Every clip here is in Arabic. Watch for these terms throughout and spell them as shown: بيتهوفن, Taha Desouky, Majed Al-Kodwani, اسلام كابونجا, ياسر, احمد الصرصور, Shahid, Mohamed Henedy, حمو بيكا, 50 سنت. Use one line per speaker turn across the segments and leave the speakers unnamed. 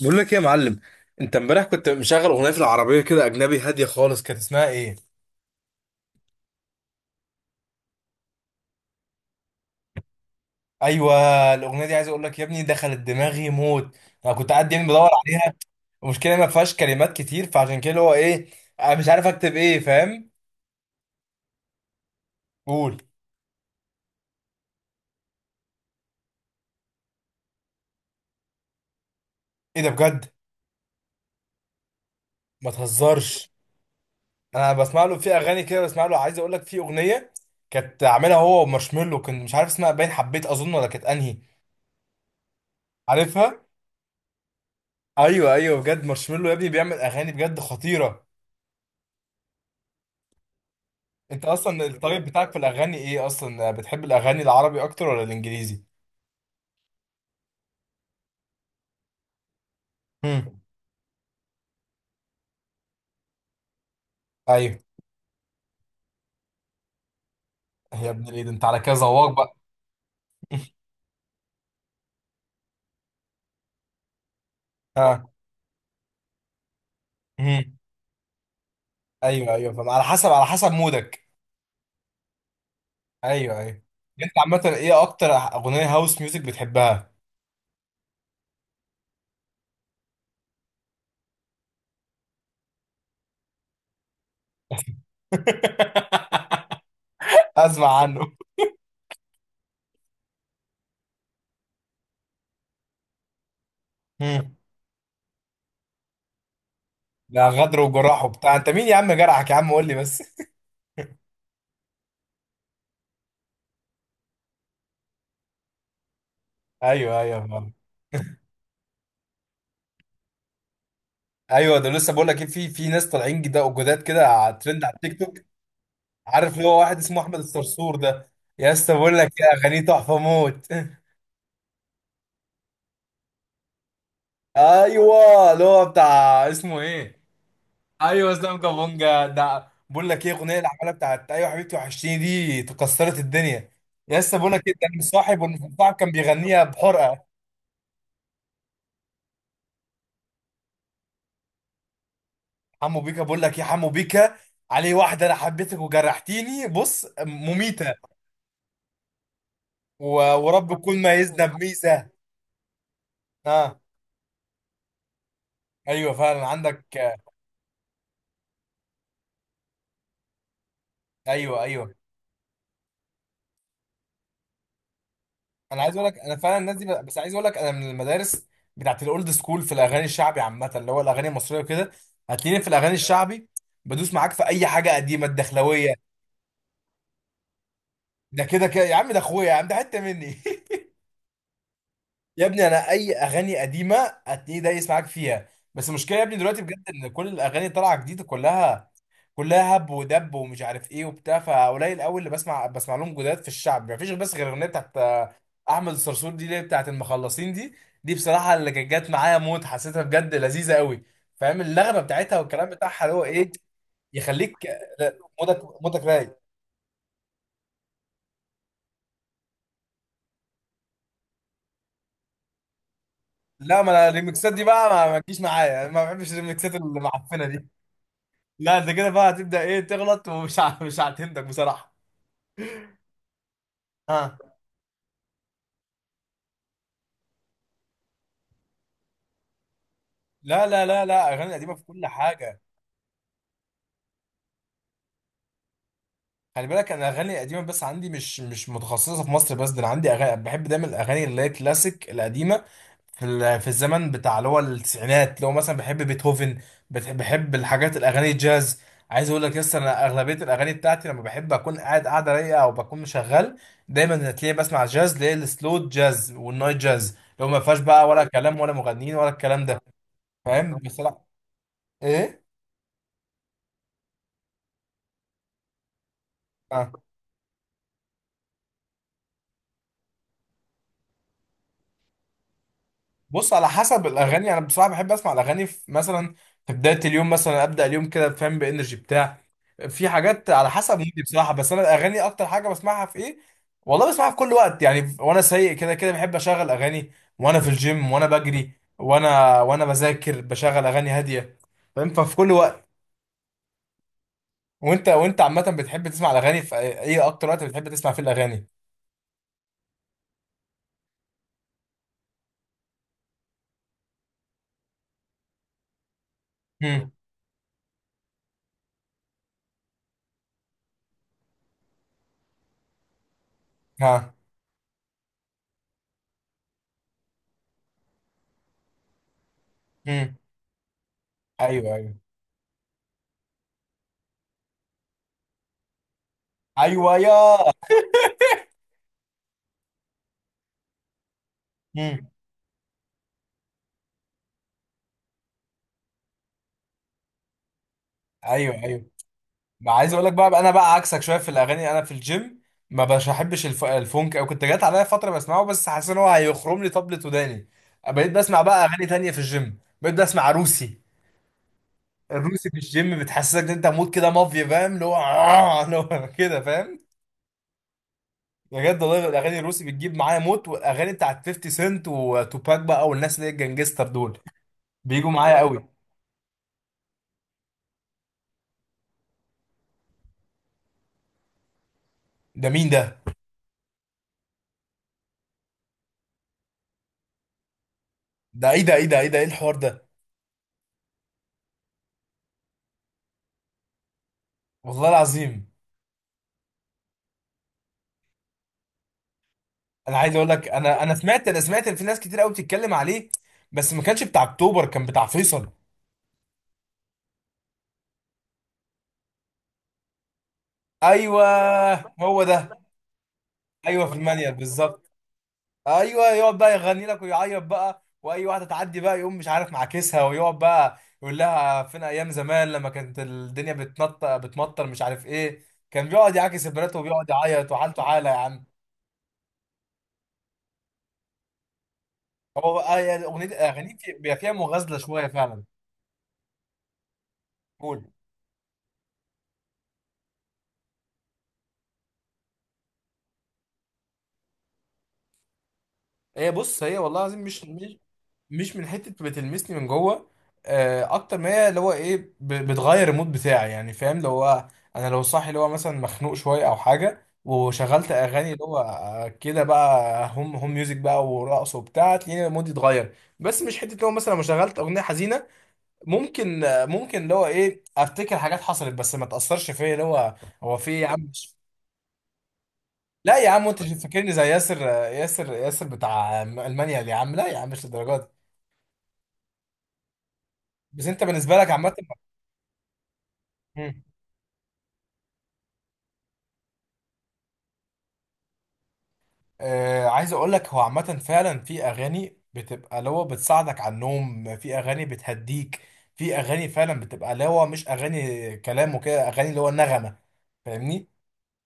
بقول لك ايه يا معلم؟ انت امبارح كنت مشغل اغنيه في العربيه كده اجنبي هاديه خالص، كانت اسمها ايه؟ ايوه، الاغنيه دي عايز اقول لك يا ابني دخلت دماغي موت. انا كنت قاعد بدور عليها. المشكله ما فيهاش كلمات كتير، فعشان كده اللي هو ايه، انا مش عارف اكتب ايه، فاهم؟ قول. ايه ده بجد؟ ما تهزرش. انا بسمع له في اغاني كده، بسمع له عايز اقول لك في اغنيه كانت عاملها هو ومارشميلو، كنت مش عارف اسمها، باين حبيت اظن، ولا كانت انهي؟ عارفها. ايوه ايوه، بجد مارشميلو يا ابني بيعمل اغاني بجد خطيره. انت اصلا الطريق بتاعك في الاغاني ايه اصلا؟ بتحب الاغاني العربي اكتر ولا الانجليزي؟ هم. ايوه يا ابن الايه ده، انت على كده زواق بقى. ها. هم. ايوه ايوه فاهم، على حسب مودك. ايوه ايوه. انت عامه ايه اكتر اغنيه هاوس ميوزك بتحبها؟ اسمع عنه. هم. لا، غدر وجراح وبتاع؟ انت مين يا عم؟ جرحك يا عم قول لي بس. ايوه ايوه فاهم. ايوه ده لسه بقول لك ايه، في ناس طالعين جدا جداد كده على ترند على التيك توك. عارف اللي هو واحد اسمه احمد الصرصور ده؟ يا اسطى بقول لك، يا اغانيه تحفه موت. ايوه اللي هو بتاع اسمه ايه؟ ايوه اسلام كابونجا، ده بقول لك ايه، الاغنيه اللي عملها بتاعت ايوه حبيبتي وحشتيني، دي كسرت الدنيا. يا اسطى بقول لك ايه، ده صاحب كان بيغنيها بحرقه. حمو بيكا بقول لك ايه، حمو بيكا عليه واحده انا حبيتك وجرحتيني، بص مميته. ورب كل ما يذنب ميزه. اه ايوه فعلا عندك. ايوه ايوه. انا عايز اقول لك انا فعلا الناس دي، بس عايز اقول لك انا من المدارس بتاعت الاولد سكول في الاغاني الشعبي عامه، اللي هو الاغاني المصريه وكده. هتلاقيني في الاغاني الشعبي بدوس معاك في اي حاجه قديمه الدخلويه. ده كده كده يا عم، ده اخويا يا عم، ده حته مني. يا ابني انا اي اغاني قديمه هتلاقيه دايس معاك فيها. بس المشكله يا ابني دلوقتي بجد، ان كل الاغاني طالعه جديده كلها، كلها هب ودب ومش عارف ايه وبتاع. فقليل قوي اللي بسمع، لهم جداد في الشعب. مفيش بس غير الاغنيه بتاعت احمد الصرصور دي، اللي هي بتاعت المخلصين دي. دي بصراحه اللي كانت جت معايا موت، حسيتها بجد لذيذه قوي. فاهم اللغمه بتاعتها والكلام بتاعها اللي هو ايه، يخليك. لا، مودك رايق. لا، ما انا الريمكسات دي بقى ما تجيش معايا، ما بحبش الريمكسات المعفنه دي. لا انت كده بقى هتبدا ايه تغلط، مش هعتمدك بصراحه. ها. لا لا لا لا، اغاني قديمه في كل حاجه. خلي بالك انا اغاني قديمه، بس عندي مش متخصصه في مصر بس، ده انا عندي اغاني بحب دايما الاغاني اللي هي كلاسيك القديمه، في الزمن بتاع اللي هو التسعينات، اللي هو مثلا بحب بيتهوفن. بحب الحاجات الاغاني الجاز. عايز اقول لك، لسه انا اغلبيه الاغاني بتاعتي لما بحب اكون قاعده رايقه او بكون شغال، دايما هتلاقيني بسمع جاز، اللي هي السلو جاز والنايت جاز، اللي هو ما فيهاش بقى ولا كلام ولا مغنيين ولا الكلام ده. فاهم بس؟ لا. ايه؟ آه. بص، على حسب الاغاني. انا بصراحه بحب اسمع الاغاني في مثلا، في بدايه اليوم مثلا، ابدا اليوم كده، فاهم، بانرجي بتاع. في حاجات على حسب مودي بصراحه، بس انا الاغاني اكتر حاجه بسمعها في ايه، والله بسمعها في كل وقت وانا سايق. كده كده بحب اشغل اغاني وانا في الجيم وانا بجري وانا بذاكر، بشغل اغاني هاديه. فاهم؟ ففي كل وقت. وانت عامه بتحب تسمع الاغاني في ايه؟ اكتر وقت بتحب تسمع فيه الاغاني؟ امم ها. امم ايوه ايوه. ايوه يا. امم ايوه ايوه. ما عايز اقول لك بقى، انا بقى عكسك شويه في الاغاني. انا في الجيم ما بش بحبش الفونك، او كنت جات عليا فتره بسمعه، بس حاسس ان هو هيخرم لي طبلة وداني. بقيت بسمع بقى اغاني تانية في الجيم، بقيت بسمع روسي. الروسي في الجيم بتحسسك ان انت مود كده مافيا، فاهم اللي هو؟ اللي هو كده، فاهم. بجد والله الاغاني الروسي بتجيب معايا موت، والاغاني بتاعت 50 سنت وتوباك بقى، والناس اللي هي الجنجستر دول بيجوا معايا قوي. ده مين ده؟ ده ايه الحوار ده؟ والله العظيم. انا عايز اقول لك، انا سمعت، انا سمعت ان في ناس كتير قوي بتتكلم عليه، بس ما كانش بتاع اكتوبر، كان بتاع فيصل. ايوه. هو ده. ايوه في المانيال بالظبط. ايوه يقعد بقى يغني لك ويعيط بقى، واي واحده تعدي بقى يقوم مش عارف معاكسها، ويقعد بقى يقول لها فين ايام زمان لما كانت الدنيا بتنطق بتمطر مش عارف ايه. كان بيقعد يعاكس البنات وبيقعد يعيط وحالته حاله يا عم. هو بقى- آه، يا- اغنيه اغانيه بيبقى فيها مغازله شويه فعلا. قول. هي بص، هي والله العظيم مش من حته بتلمسني من جوه، اكتر ما هي اللي هو ايه، بتغير المود بتاعي يعني. فاهم لو هو، انا لو صاحي اللي هو مثلا مخنوق شويه او حاجه، وشغلت اغاني اللي هو كده بقى، هم هم ميوزك بقى ورقص وبتاع، تلاقيني مودي اتغير. بس مش حته لو مثلا لو شغلت اغنيه حزينه، ممكن ممكن اللي هو ايه، افتكر حاجات حصلت بس ما تاثرش فيا اللي هو، هو في إيه يا عم مش- لا يا عم، انت مش فاكرني زي ياسر، ياسر بتاع المانيا اللي يا عم، لا يا عم مش للدرجه دي. بس انت بالنسبه لك عامه؟ آه، عايز اقول لك هو عامة فعلا في اغاني بتبقى اللي هو بتساعدك على النوم، في اغاني بتهديك، في اغاني فعلا بتبقى اللي هو مش اغاني كلام وكده، اغاني اللي هو نغمة، فاهمني؟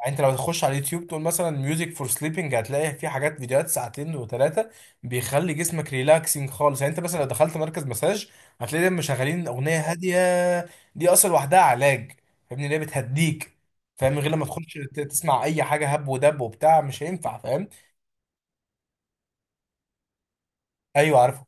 يعني انت لو تخش على اليوتيوب تقول مثلا ميوزك فور سليبنج، هتلاقي في حاجات فيديوهات ساعتين وثلاثة بيخلي جسمك ريلاكسنج خالص. يعني انت مثلا لو دخلت مركز مساج، هتلاقي دايما مشغلين اغنية هادية. دي اصلا لوحدها علاج، فاهمني؟ اللي هي بتهديك، فاهم؟ غير لما تخش تسمع اي حاجة هب ودب وبتاع، مش هينفع، فاهم؟ ايوه عارفه.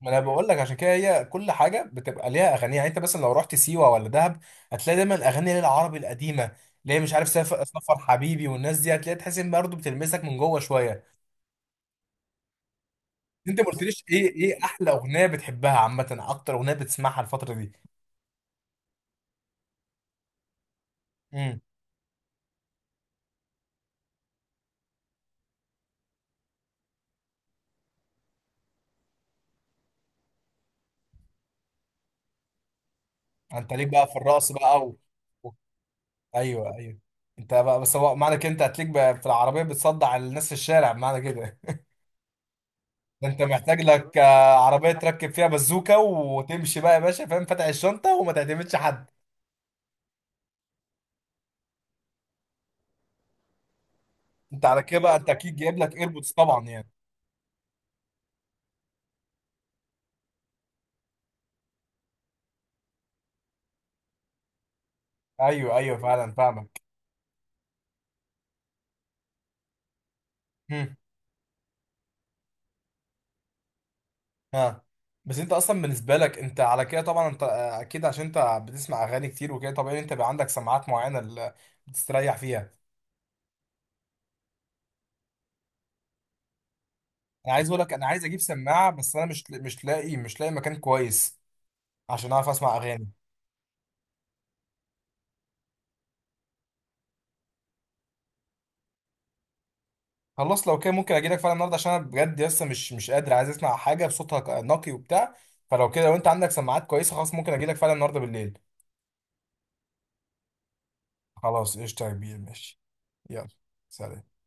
ما انا بقول لك عشان كده هي كل حاجه بتبقى ليها اغاني. يعني انت مثلا لو رحت سيوه ولا دهب، هتلاقي دايما اغاني للعربي القديمه، اللي هي مش عارف سافر سفر حبيبي والناس دي، هتلاقي تحس ان برضه بتلمسك من جوه شويه. انت ما قلتليش ايه، ايه احلى اغنيه بتحبها عامه؟ اكتر اغنيه بتسمعها الفتره دي؟ امم انت ليك بقى في الرقص بقى و- ايوه ايوه. انت بقى بس، هو معنى كده انت هتليك بقى في العربيه بتصدع الناس في الشارع؟ معنى كده ده انت محتاج لك عربية تركب فيها بزوكة وتمشي بقى يا باشا، فاهم، فاتح الشنطة وما تعتمدش حد. انت على كده بقى انت اكيد جايب لك ايربودز طبعا يعني؟ ايوه ايوه فعلا فاهمك. هم، ها. بس انت اصلا بالنسبة لك، انت على كده طبعا، انت اكيد عشان انت بتسمع اغاني كتير وكده، طبيعي انت بقى عندك سماعات معينة اللي بتستريح فيها. انا عايز اقول لك انا عايز اجيب سماعة، بس انا مش لاقي، مش لاقي مكان كويس عشان اعرف اسمع اغاني. خلاص، لو كده ممكن اجي لك فعلا النهارده، عشان انا بجد لسه مش قادر، عايز اسمع حاجه بصوتها نقي وبتاع. فلو كده، لو انت عندك سماعات كويسه، خلاص ممكن اجي لك فعلا النهارده بالليل. خلاص قشطه يا كبير ماشي. يلا. سلام.